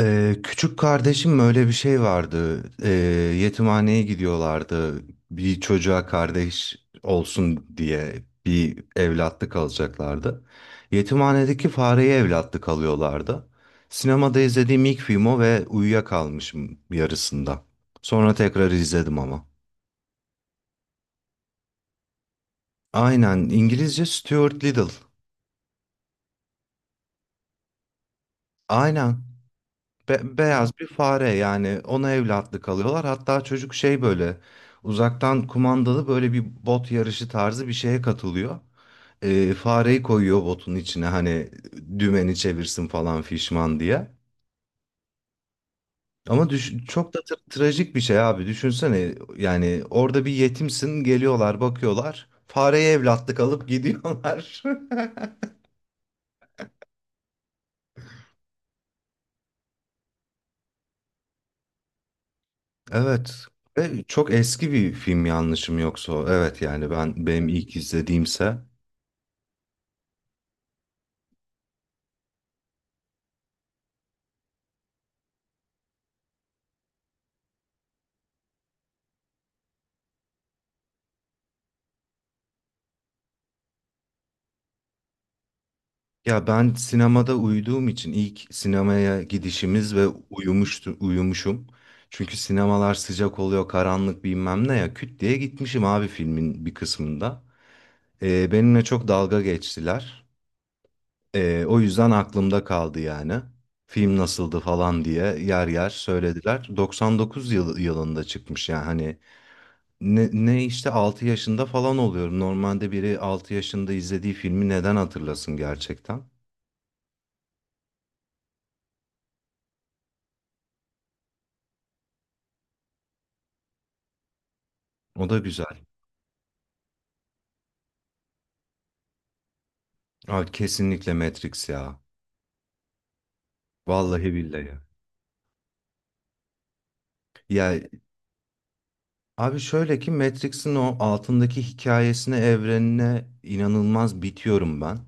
Küçük kardeşim öyle bir şey vardı. Yetimhaneye gidiyorlardı. Bir çocuğa kardeş olsun diye bir evlatlık alacaklardı. Yetimhanedeki fareye evlatlık alıyorlardı. Sinemada izlediğim ilk film o ve uyuyakalmışım yarısında. Sonra tekrar izledim ama. Aynen, İngilizce Stuart Little. Aynen. Beyaz bir fare, yani ona evlatlık alıyorlar. Hatta çocuk şey böyle uzaktan kumandalı böyle bir bot yarışı tarzı bir şeye katılıyor. Fareyi koyuyor botun içine, hani dümeni çevirsin falan fişman diye. Ama çok da trajik bir şey abi, düşünsene, yani orada bir yetimsin, geliyorlar bakıyorlar fareye evlatlık alıp gidiyorlar. Evet. Ve çok eski bir film yanlışım yoksa. O. Evet, yani ben, benim ilk izlediğimse. Ya ben sinemada uyuduğum için ilk sinemaya gidişimiz ve uyumuşum. Çünkü sinemalar sıcak oluyor, karanlık bilmem ne ya. Küt diye gitmişim abi filmin bir kısmında. Benimle çok dalga geçtiler. O yüzden aklımda kaldı yani. Film nasıldı falan diye yer yer söylediler. 99 yılında çıkmış, yani hani ne işte 6 yaşında falan oluyorum. Normalde biri 6 yaşında izlediği filmi neden hatırlasın gerçekten? O da güzel. Abi kesinlikle Matrix ya. Vallahi billahi. Ya abi şöyle ki, Matrix'in o altındaki hikayesine, evrenine inanılmaz bitiyorum ben.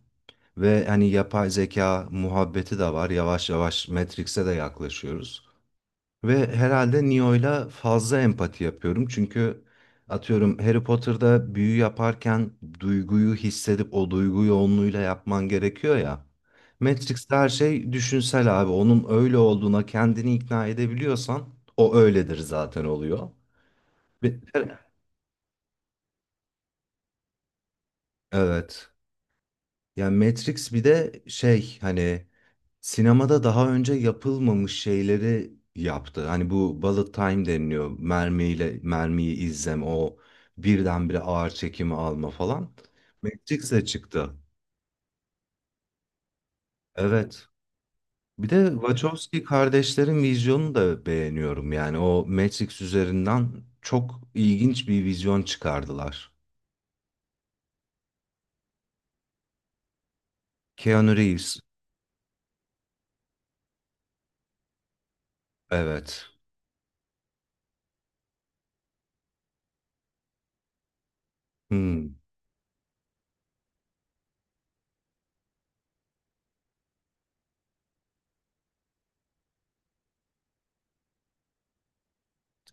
Ve hani yapay zeka muhabbeti de var. Yavaş yavaş Matrix'e de yaklaşıyoruz. Ve herhalde Neo'yla fazla empati yapıyorum. Çünkü atıyorum Harry Potter'da büyü yaparken duyguyu hissedip o duygu yoğunluğuyla yapman gerekiyor ya. Matrix'te her şey düşünsel abi. Onun öyle olduğuna kendini ikna edebiliyorsan o öyledir zaten oluyor. Ve- Evet. Yani Matrix bir de şey, hani sinemada daha önce yapılmamış şeyleri yaptı. Hani bu bullet time deniliyor. Mermiyle mermiyi o birdenbire ağır çekimi alma falan. Matrix'e çıktı. Evet. Bir de Wachowski kardeşlerin vizyonunu da beğeniyorum. Yani o Matrix üzerinden çok ilginç bir vizyon çıkardılar. Keanu Reeves. Evet. Hmm.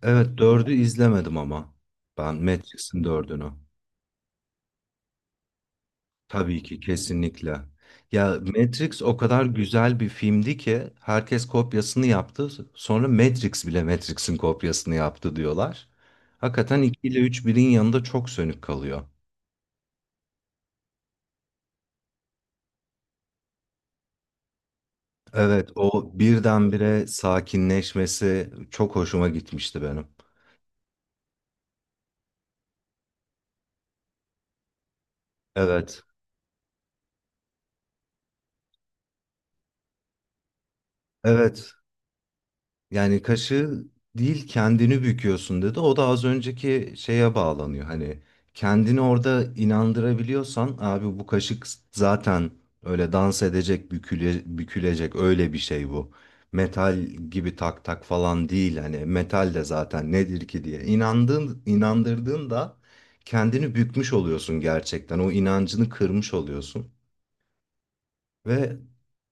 Evet, dördü izlemedim ama. Ben Matrix'in dördünü. Tabii ki, kesinlikle. Ya Matrix o kadar güzel bir filmdi ki herkes kopyasını yaptı. Sonra Matrix bile Matrix'in kopyasını yaptı diyorlar. Hakikaten 2 ile 3 birin yanında çok sönük kalıyor. Evet, o birdenbire sakinleşmesi çok hoşuma gitmişti benim. Evet. Evet. Yani kaşı değil, kendini büküyorsun dedi. O da az önceki şeye bağlanıyor. Hani kendini orada inandırabiliyorsan abi, bu kaşık zaten öyle dans edecek, büküle, bükülecek, öyle bir şey bu. Metal gibi tak tak falan değil. Hani metal de zaten nedir ki diye inandığın, inandırdığında kendini bükmüş oluyorsun gerçekten. O inancını kırmış oluyorsun. Ve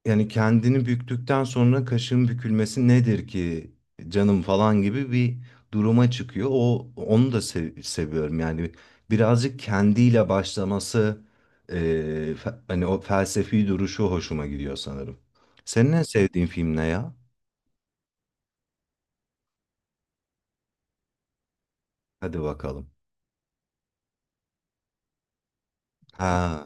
yani kendini büktükten sonra kaşın bükülmesi nedir ki canım falan gibi bir duruma çıkıyor. O, onu da seviyorum. Yani birazcık kendiyle başlaması, e, hani o felsefi duruşu hoşuma gidiyor sanırım. Senin en sevdiğin film ne ya? Hadi bakalım. Ha,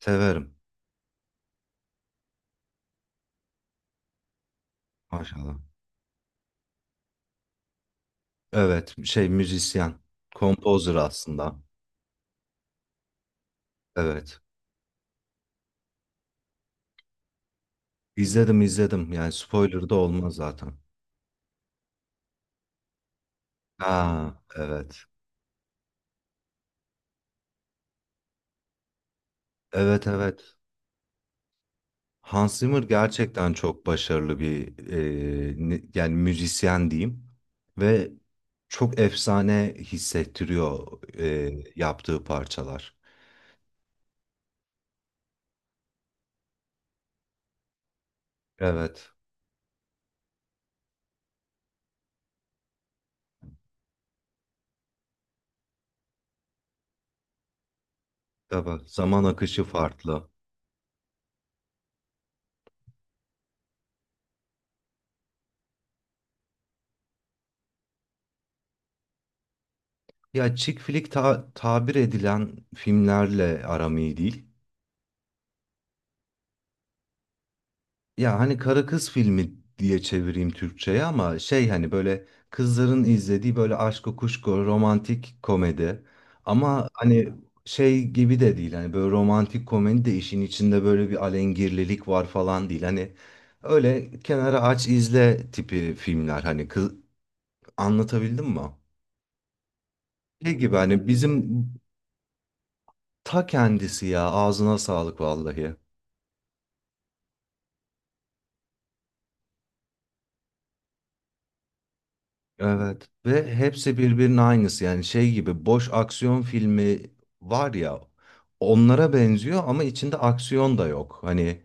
severim. Maşallah. Evet, şey, müzisyen, kompozör aslında. Evet. İzledim izledim. Yani spoiler da olmaz zaten. Ha, evet. Evet evet. Hans Zimmer gerçekten çok başarılı bir yani müzisyen diyeyim, ve çok efsane hissettiriyor e, yaptığı parçalar. Evet. Evet. Zaman akışı farklı. Ya chick flick tabir edilen filmlerle aram iyi değil. Ya hani karı kız filmi diye çevireyim Türkçe'ye, ama şey, hani böyle kızların izlediği böyle aşko kuşko romantik komedi. Ama hani şey gibi de değil, hani böyle romantik komedi de işin içinde böyle bir alengirlilik var falan değil. Hani öyle kenara aç izle tipi filmler, hani kız, anlatabildim mi? Şey gibi hani bizim ta kendisi ya, ağzına sağlık vallahi. Evet, ve hepsi birbirinin aynısı, yani şey gibi boş aksiyon filmi var ya, onlara benziyor ama içinde aksiyon da yok. Hani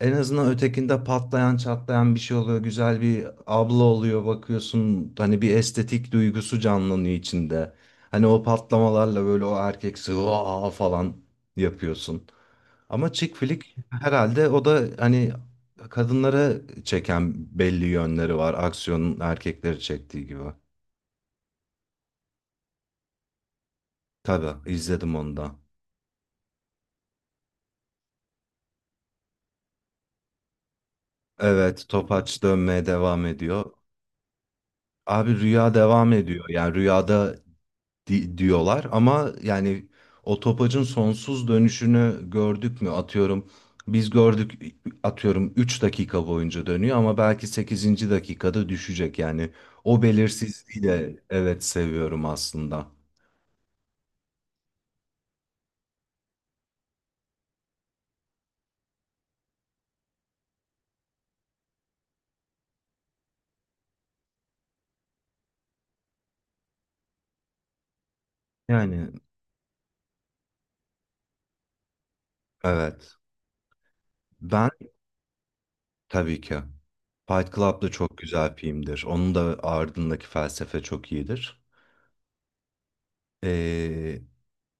en azından ötekinde patlayan çatlayan bir şey oluyor, güzel bir abla oluyor bakıyorsun, hani bir estetik duygusu canlanıyor içinde. Hani o patlamalarla böyle o erkeksi "Vaa!" falan yapıyorsun. Ama chick flick herhalde o da hani kadınlara çeken belli yönleri var, aksiyonun erkekleri çektiği gibi. Tabii, izledim onu da. Evet, Topaç dönmeye devam ediyor. Abi rüya devam ediyor. Yani rüyada diyorlar ama, yani o topacın sonsuz dönüşünü gördük mü? Atıyorum biz gördük, atıyorum 3 dakika boyunca dönüyor ama belki sekizinci dakikada düşecek. Yani o belirsizliği de evet seviyorum aslında. Yani evet, ben tabii ki Fight Club da çok güzel filmdir. Onun da ardındaki felsefe çok iyidir. Ee,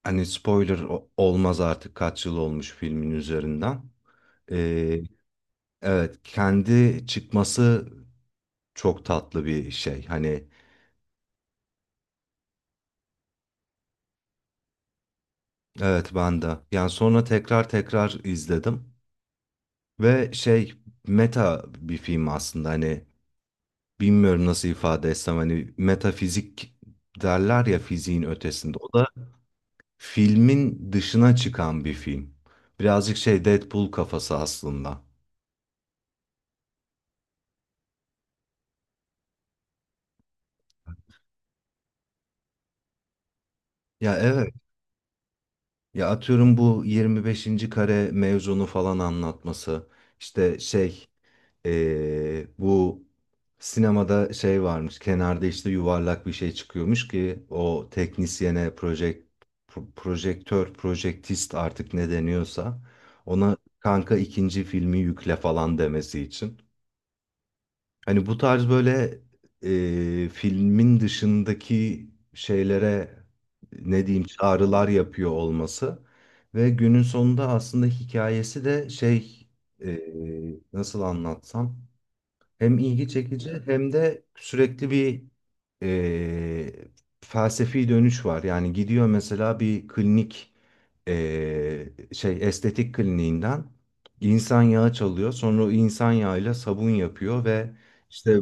hani spoiler olmaz artık, kaç yıl olmuş filmin üzerinden. Ee, evet, kendi çıkması çok tatlı bir şey. Hani evet, ben de. Yani sonra tekrar tekrar izledim. Ve şey, meta bir film aslında, hani bilmiyorum nasıl ifade etsem, hani metafizik derler ya, fiziğin ötesinde. O da filmin dışına çıkan bir film. Birazcık şey Deadpool kafası aslında. Ya evet. Ya atıyorum bu 25. kare mevzunu falan anlatması. İşte şey bu sinemada şey varmış. Kenarda işte yuvarlak bir şey çıkıyormuş ki o teknisyene projektör, projektist artık ne deniyorsa ona kanka ikinci filmi yükle falan demesi için. Hani bu tarz böyle filmin dışındaki şeylere ne diyeyim çağrılar yapıyor olması, ve günün sonunda aslında hikayesi de şey, e, nasıl anlatsam, hem ilgi çekici hem de sürekli bir e, felsefi dönüş var. Yani gidiyor mesela bir klinik, şey estetik kliniğinden insan yağı çalıyor. Sonra o insan yağıyla sabun yapıyor ve işte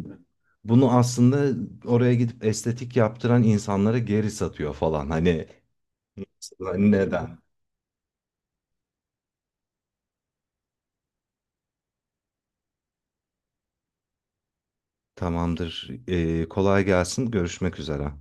bunu aslında oraya gidip estetik yaptıran insanlara geri satıyor falan. Hani neden? Tamamdır. E, kolay gelsin. Görüşmek üzere.